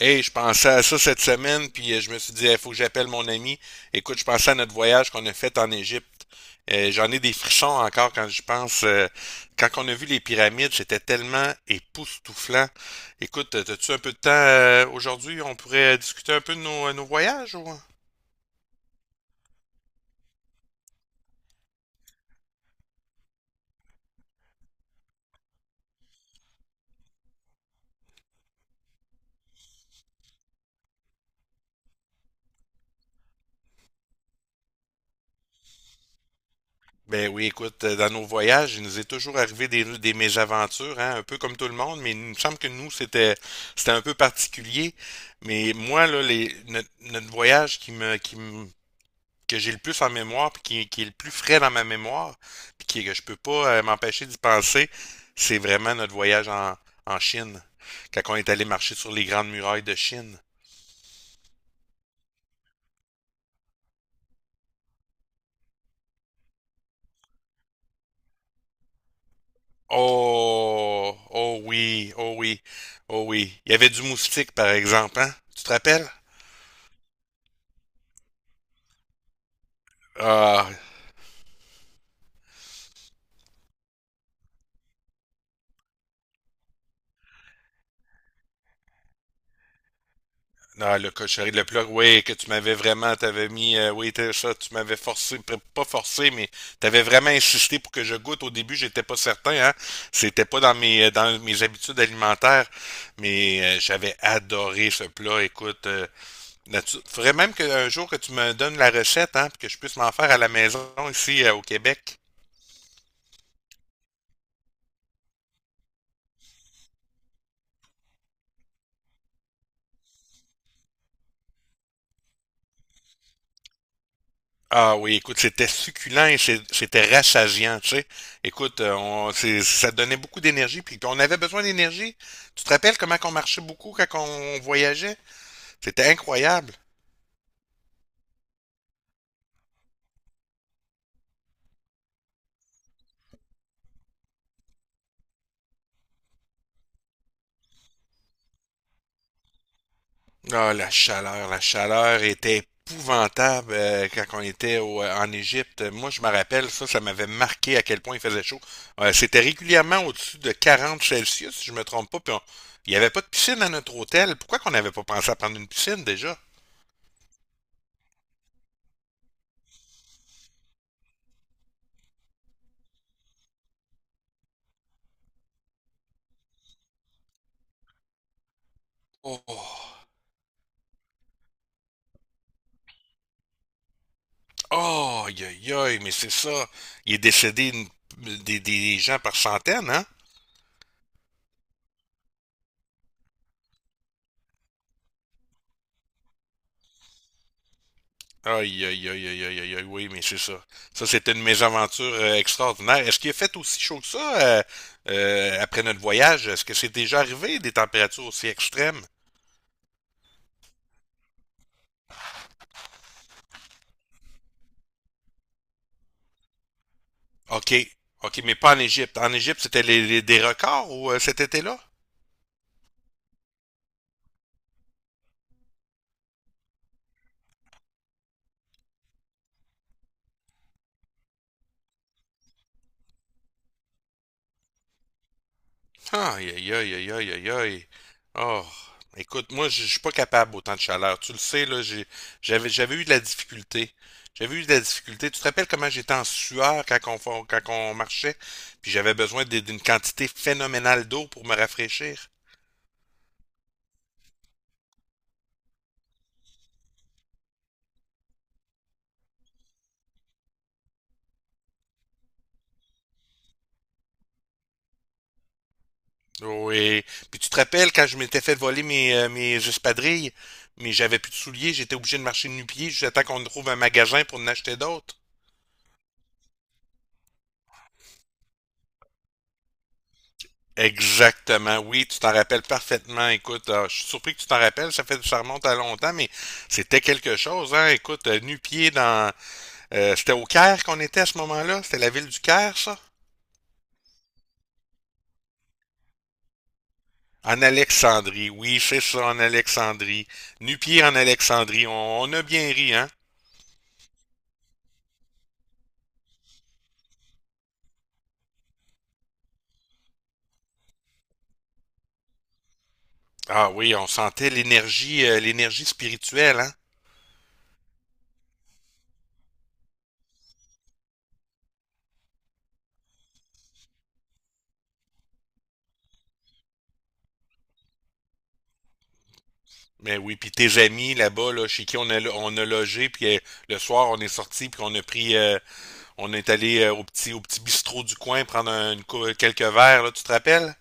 Hey, je pensais à ça cette semaine, puis je me suis dit, il faut que j'appelle mon ami. Écoute, je pensais à notre voyage qu'on a fait en Égypte. J'en ai des frissons encore quand je pense. Quand on a vu les pyramides, c'était tellement époustouflant. Écoute, as-tu un peu de temps aujourd'hui? On pourrait discuter un peu de nos voyages, ou? Ben oui, écoute, dans nos voyages, il nous est toujours arrivé des mésaventures, hein, un peu comme tout le monde, mais il me semble que nous, c'était un peu particulier. Mais moi, là, les, notre, notre voyage que j'ai le plus en mémoire, puis qui est le plus frais dans ma mémoire, puis que je peux pas m'empêcher d'y penser, c'est vraiment notre voyage en, en Chine, quand on est allé marcher sur les grandes murailles de Chine. Oh, oh oui, oh oui, oh oui. Il y avait du moustique, par exemple, hein? Tu te rappelles? Ah, non, le cochonnerie, le plat, oui, que tu m'avais vraiment, t'avais mis, oui, ça, tu m'avais forcé, pas forcé, mais t'avais vraiment insisté pour que je goûte. Au début, j'étais pas certain, hein. C'était pas dans dans mes habitudes alimentaires, mais j'avais adoré ce plat. Écoute, faudrait même qu'un jour que tu me donnes la recette, hein, puis que je puisse m'en faire à la maison ici au Québec. Ah oui, écoute, c'était succulent et c'était rassasiant, tu sais. Écoute, ça donnait beaucoup d'énergie, puis on avait besoin d'énergie. Tu te rappelles comment on marchait beaucoup quand on voyageait? C'était incroyable. Ah, la chaleur était épouvantable quand on était en Égypte. Moi, je me rappelle, ça m'avait marqué à quel point il faisait chaud. C'était régulièrement au-dessus de 40 Celsius, si je me trompe pas, il n'y avait pas de piscine à notre hôtel. Pourquoi qu'on n'avait pas pensé à prendre une piscine déjà? Oh! Oh, aïe, aïe, aïe, mais c'est ça. Il est décédé une- des gens par centaines, hein? Aïe, aïe, aïe, aïe, aïe, aïe, aïe, oui, mais c'est ça. Ça, c'était une mésaventure extraordinaire. Est-ce qu'il a fait aussi chaud que ça après notre voyage? Est-ce que c'est déjà arrivé des températures aussi extrêmes? OK, OK, mais pas en Égypte. En Égypte, c'était des records ou cet été-là? Aïe, aïe, aïe, aïe, aïe, aïe, aïe. Oh, écoute, moi, je suis pas capable autant de chaleur. Tu le sais, là, j'avais eu de la difficulté. J'avais eu de la difficulté. Tu te rappelles comment j'étais en sueur quand quand on marchait, puis j'avais besoin d'une quantité phénoménale d'eau pour me rafraîchir. Oui. Puis tu te rappelles quand je m'étais fait voler mes espadrilles, mais j'avais plus de souliers, j'étais obligé de marcher de nu-pieds jusqu'à temps qu'on trouve un magasin pour en acheter d'autres. Exactement, oui, tu t'en rappelles parfaitement. Écoute, je suis surpris que tu t'en rappelles, ça fait ça remonte à longtemps, mais c'était quelque chose, hein. Écoute, nu-pieds dans c'était au Caire qu'on était à ce moment-là, c'était la ville du Caire, ça? En Alexandrie, oui, c'est ça, en Alexandrie. Nu-pieds en Alexandrie, on a bien ri, hein? Ah oui, on sentait l'énergie spirituelle, hein? Mais oui, puis tes amis là-bas, là, chez qui on a logé, puis le soir on est sorti, puis on a pris On est allé au au petit bistrot du coin prendre quelques verres, là, tu te rappelles?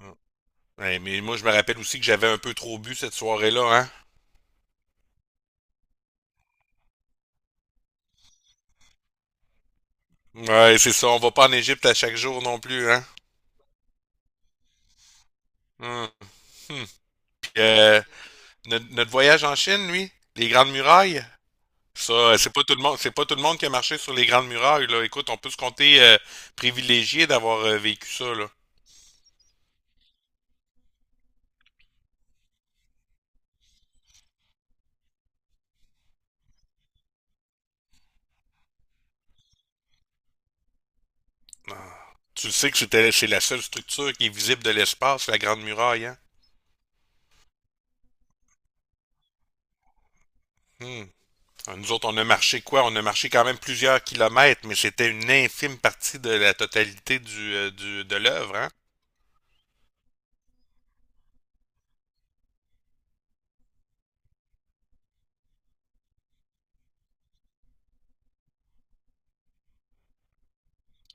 Mm. Ouais, mais moi, je me rappelle aussi que j'avais un peu trop bu cette soirée-là, hein? Ouais, c'est ça, on va pas en Égypte à chaque jour non plus, hein? Hum, hum. Puis, notre, notre voyage en Chine, lui, les grandes murailles, ça, c'est pas tout le monde qui a marché sur les grandes murailles, là. Écoute, on peut se compter privilégié d'avoir vécu ça, là. Ah. Tu le sais que c'est la seule structure qui est visible de l'espace, la grande muraille, hein? Hum. Alors, nous autres, on a marché quoi? On a marché quand même plusieurs kilomètres, mais c'était une infime partie de la totalité de l'œuvre, hein?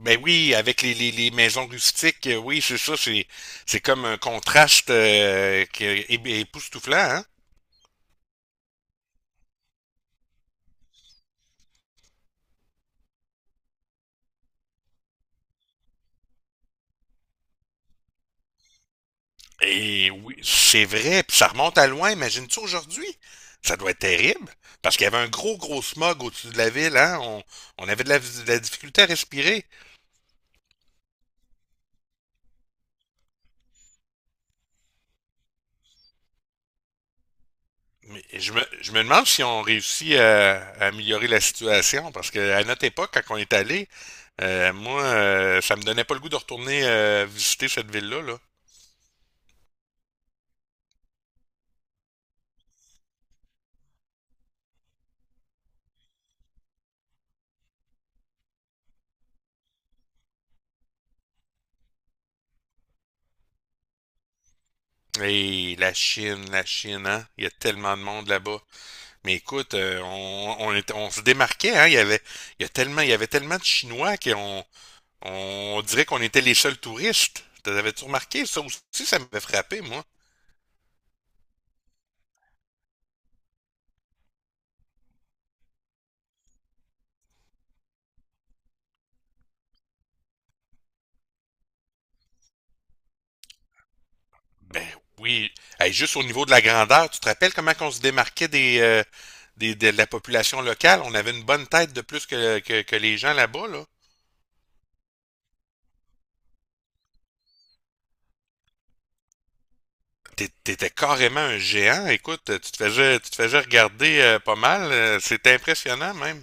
Ben oui, avec les maisons rustiques, oui, c'est comme un contraste qui est époustouflant, hein? Et oui, c'est vrai, puis ça remonte à loin, imagine-tu aujourd'hui? Ça doit être terrible, parce qu'il y avait un gros smog au-dessus de la ville, hein? On avait de de la difficulté à respirer. Mais je me demande si on réussit à améliorer la situation, parce que à notre époque, quand on est allé, ça me donnait pas le goût de retourner visiter cette ville-là, là. Et la Chine, hein? Il y a tellement de monde là-bas. Mais écoute, on se démarquait, hein? Il y avait tellement de Chinois qu'on dirait qu'on était les seuls touristes. T'avais-tu remarqué? Ça aussi, ça m'avait frappé, moi. Ben oui. Hey, juste au niveau de la grandeur, tu te rappelles comment on se démarquait de la population locale? On avait une bonne tête de plus que les gens là-bas, là. T'étais carrément un géant. Écoute, tu te faisais regarder pas mal. C'était impressionnant même.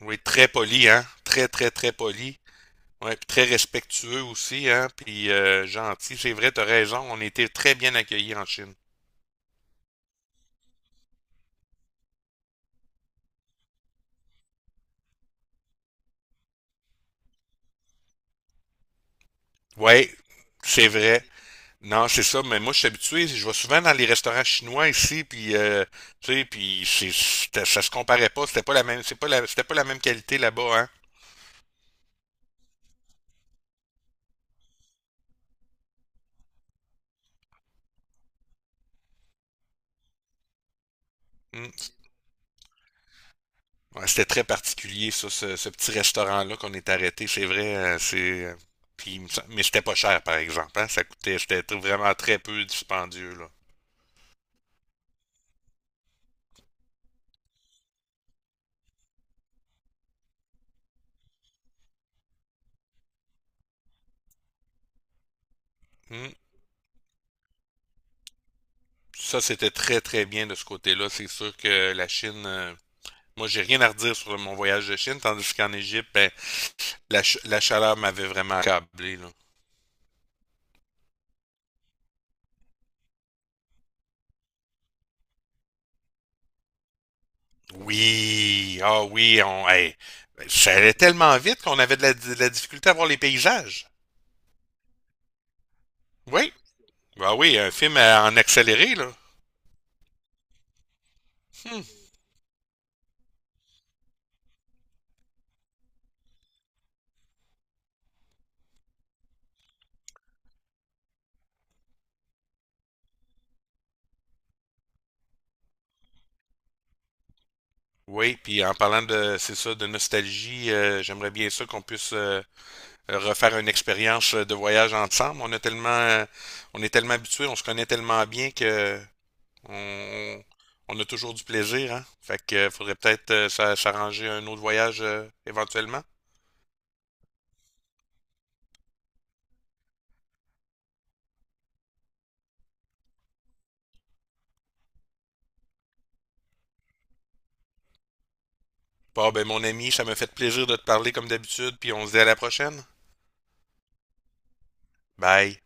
Oui, très poli, hein? Très poli. Ouais, puis très respectueux aussi, hein? Puis gentil. C'est vrai, t'as raison. On était très bien accueillis en Chine. Ouais, c'est vrai. Non, c'est ça, mais moi, je suis habitué, je vais souvent dans les restaurants chinois ici, tu sais, ça se comparait pas, c'était pas la même qualité là-bas, hein. Mm. Ouais, c'était très particulier, ce petit restaurant-là qu'on est arrêté, c'est vrai, puis, mais c'était pas cher, par exemple, hein, ça coûtait, c'était tr- vraiment très peu dispendieux, là. Mm. Ça, c'était très, très bien de ce côté-là, c'est sûr que la Chine, moi, j'ai rien à redire sur mon voyage de Chine, tandis qu'en Égypte, ben, la chaleur m'avait vraiment accablé, là. Oui, ah oui, on, hey, ça allait tellement vite qu'on avait de de la difficulté à voir les paysages. Oui, ah oui, un film en accéléré, là. Hmm. Oui, puis en parlant de, c'est ça, de nostalgie, j'aimerais bien ça qu'on puisse refaire une expérience de voyage ensemble. On a tellement, on est tellement habitués, on se connaît tellement bien que On, on a toujours du plaisir, hein? Fait que faudrait peut-être s'arranger un autre voyage éventuellement. Bon, ben mon ami, ça me fait plaisir de te parler comme d'habitude, puis on se dit à la prochaine. Bye.